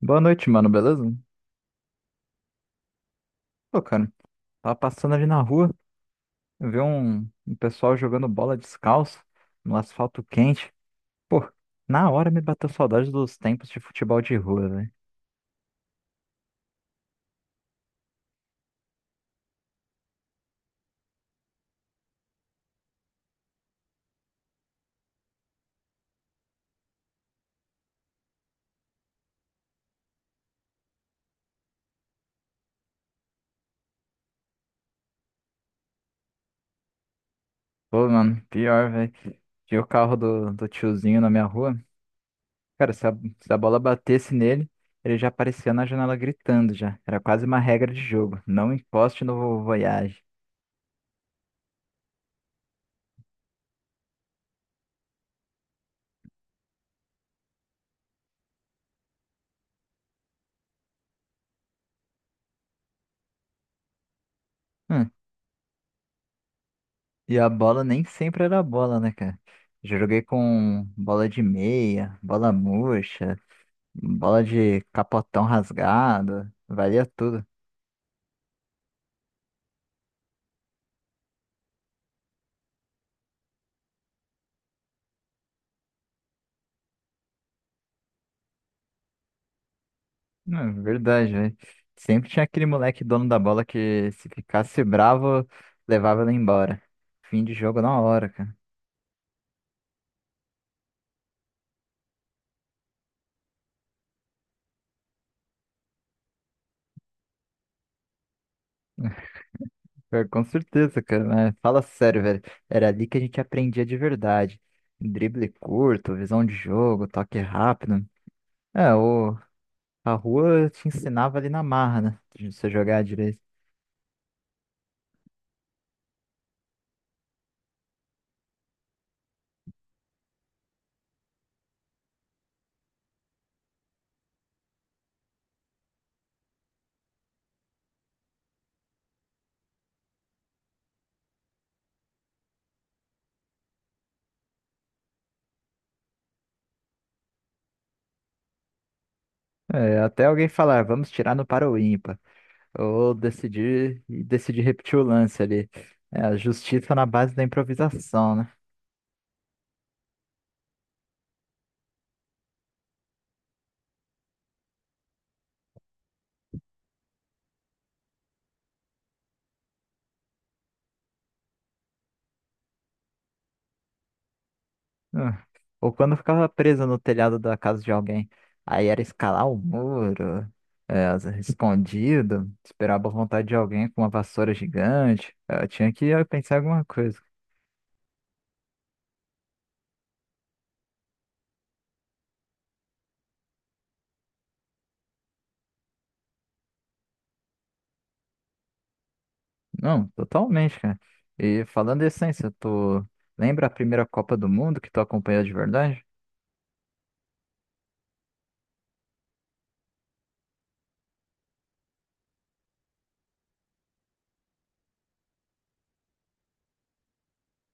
Boa noite, mano, beleza? Pô, cara, tava passando ali na rua, eu vi um pessoal jogando bola descalço no asfalto quente. Pô, na hora me bateu saudade dos tempos de futebol de rua, velho. Pô, mano, pior, velho. Tinha o carro do tiozinho na minha rua. Cara, se a bola batesse nele, ele já aparecia na janela gritando já. Era quase uma regra de jogo. Não encoste no Voyage. Hum, E a bola nem sempre era bola, né, cara? Já joguei com bola de meia, bola murcha, bola de capotão rasgado, valia tudo. Não, é verdade, velho. Sempre tinha aquele moleque dono da bola que, se ficasse bravo, levava ele embora. Fim de jogo na hora, cara. Pior. Com certeza, cara, mas fala sério, velho. Era ali que a gente aprendia de verdade. Drible curto, visão de jogo, toque rápido. É, o A rua te ensinava ali na marra, né? De você jogar direito. É, até alguém falar, vamos tirar no para o ímpar. Ou decidir, repetir o lance ali. É, a justiça na base da improvisação, né? Hum. Ou quando eu ficava presa no telhado da casa de alguém. Aí era escalar o muro, é, escondido, esperava a boa vontade de alguém com uma vassoura gigante. É, eu tinha que pensar em alguma coisa. Não, totalmente, cara. E falando em essência, tu lembra a primeira Copa do Mundo que tu acompanhou de verdade?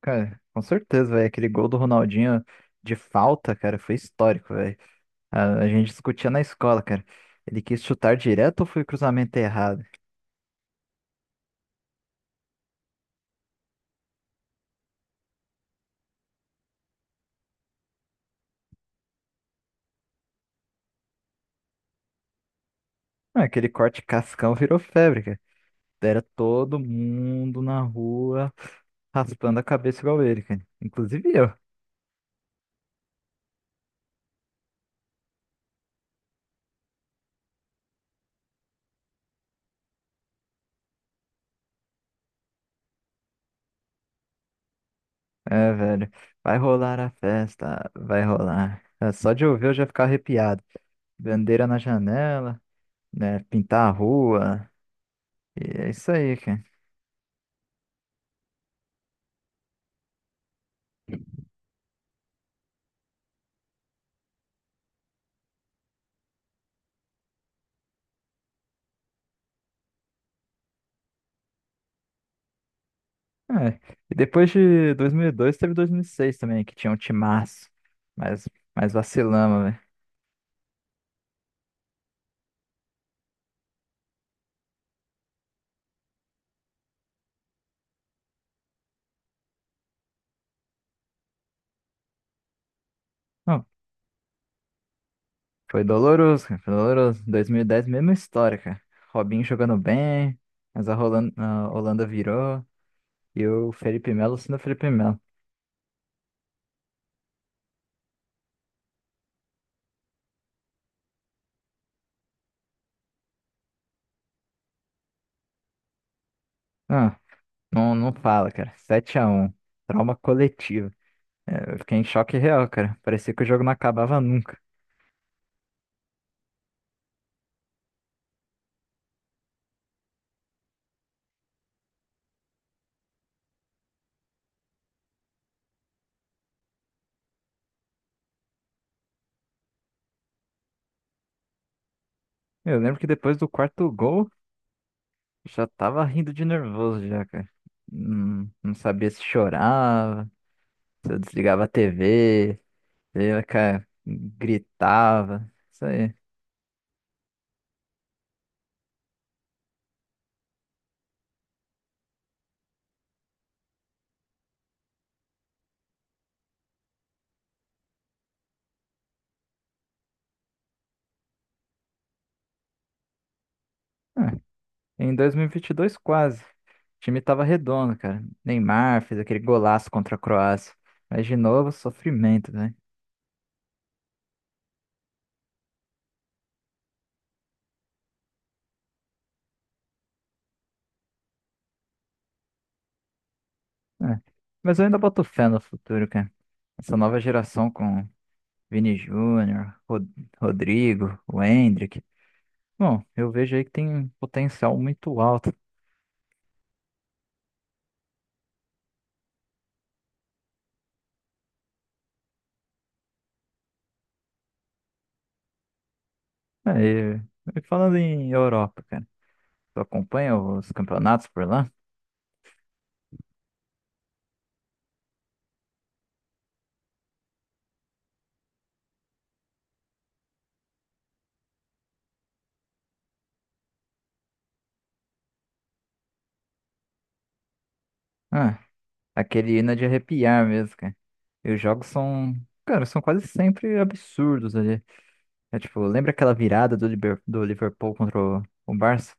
Cara, com certeza, velho. Aquele gol do Ronaldinho de falta, cara, foi histórico, velho. A gente discutia na escola, cara. Ele quis chutar direto ou foi cruzamento errado? Ah, aquele corte cascão virou febre, cara. Era todo mundo na rua raspando a cabeça igual ele, cara. Inclusive eu. É, velho. Vai rolar a festa, vai rolar. É, só de ouvir eu já ficar arrepiado. Bandeira na janela, né? Pintar a rua. E é isso aí, cara. É. E depois de 2002, teve 2006 também, que tinha um timaço. Mas, mas vacilamos, velho. Não, foi doloroso, cara. Foi doloroso. 2010, mesma história, cara. Robinho jogando bem, mas a Holanda virou. E o Felipe Melo sendo o Felipe Melo. Ah, não fala, cara. Sete a um. Trauma coletivo. É, eu fiquei em choque real, cara. Parecia que o jogo não acabava nunca. Eu lembro que, depois do quarto gol, já tava rindo de nervoso já, cara. Não, não sabia se chorava, se eu desligava a TV, se eu, cara, gritava. Isso aí. Ah, em 2022, quase. O time tava redondo, cara. Neymar fez aquele golaço contra a Croácia. Mas de novo, sofrimento, né? Ah, mas eu ainda boto fé no futuro, cara. Essa nova geração com Vini Júnior, Rodrigo, o Endrick. Bom, eu vejo aí que tem um potencial muito alto. Aí, e falando em Europa, cara, tu acompanha os campeonatos por lá? Ah, aquele hino é de arrepiar mesmo, cara. E os jogos são, cara, são quase sempre absurdos ali. É tipo, lembra aquela virada do, do Liverpool contra o Barça?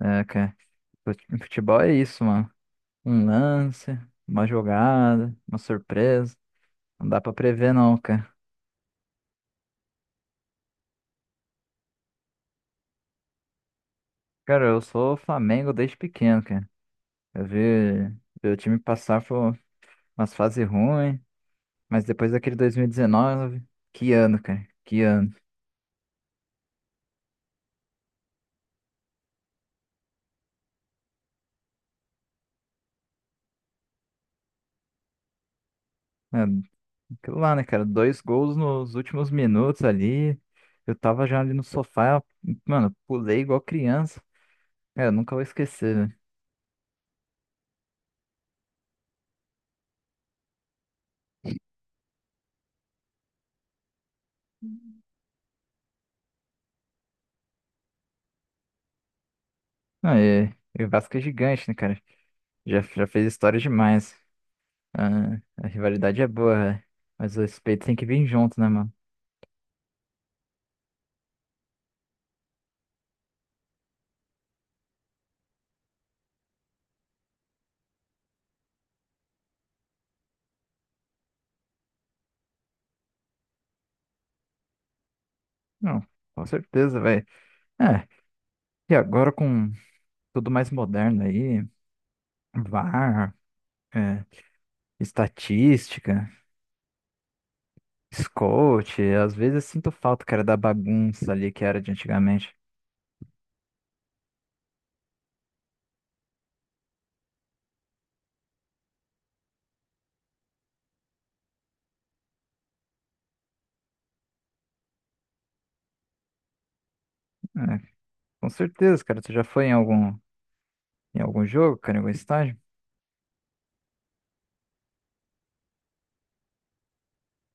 É, cara, futebol é isso, mano. Um lance, uma jogada, uma surpresa. Não dá pra prever, não, cara. Cara, eu sou Flamengo desde pequeno, cara. Eu vi, vi o time passar por umas fases ruins. Mas depois daquele 2019, que ano, cara? Que ano. É, aquilo lá, né, cara? Dois gols nos últimos minutos ali. Eu tava já ali no sofá, mano, pulei igual criança. Cara, nunca vou esquecer, né? Não, e o Vasco é gigante, né, cara? Já fez história demais. Ah, a rivalidade é boa, né? Mas o respeito tem que vir junto, né, mano? Não, com certeza, velho. É, e agora com tudo mais moderno aí, VAR, é, estatística. Scout, às vezes eu sinto falta, cara, da bagunça ali que era de antigamente. É, com certeza, cara, tu já foi em algum jogo, cara, em algum estádio?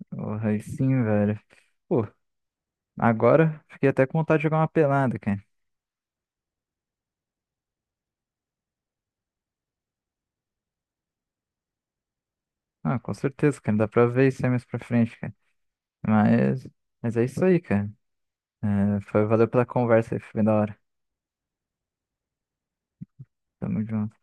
Porra, aí sim, velho. Pô, agora fiquei até com vontade de jogar uma pelada, cara. Ah, com certeza, cara, dá pra ver isso aí mais pra frente, cara. Mas, mas é isso aí, cara. É, foi, valeu pela conversa aí, foi bem da hora. Tamo junto.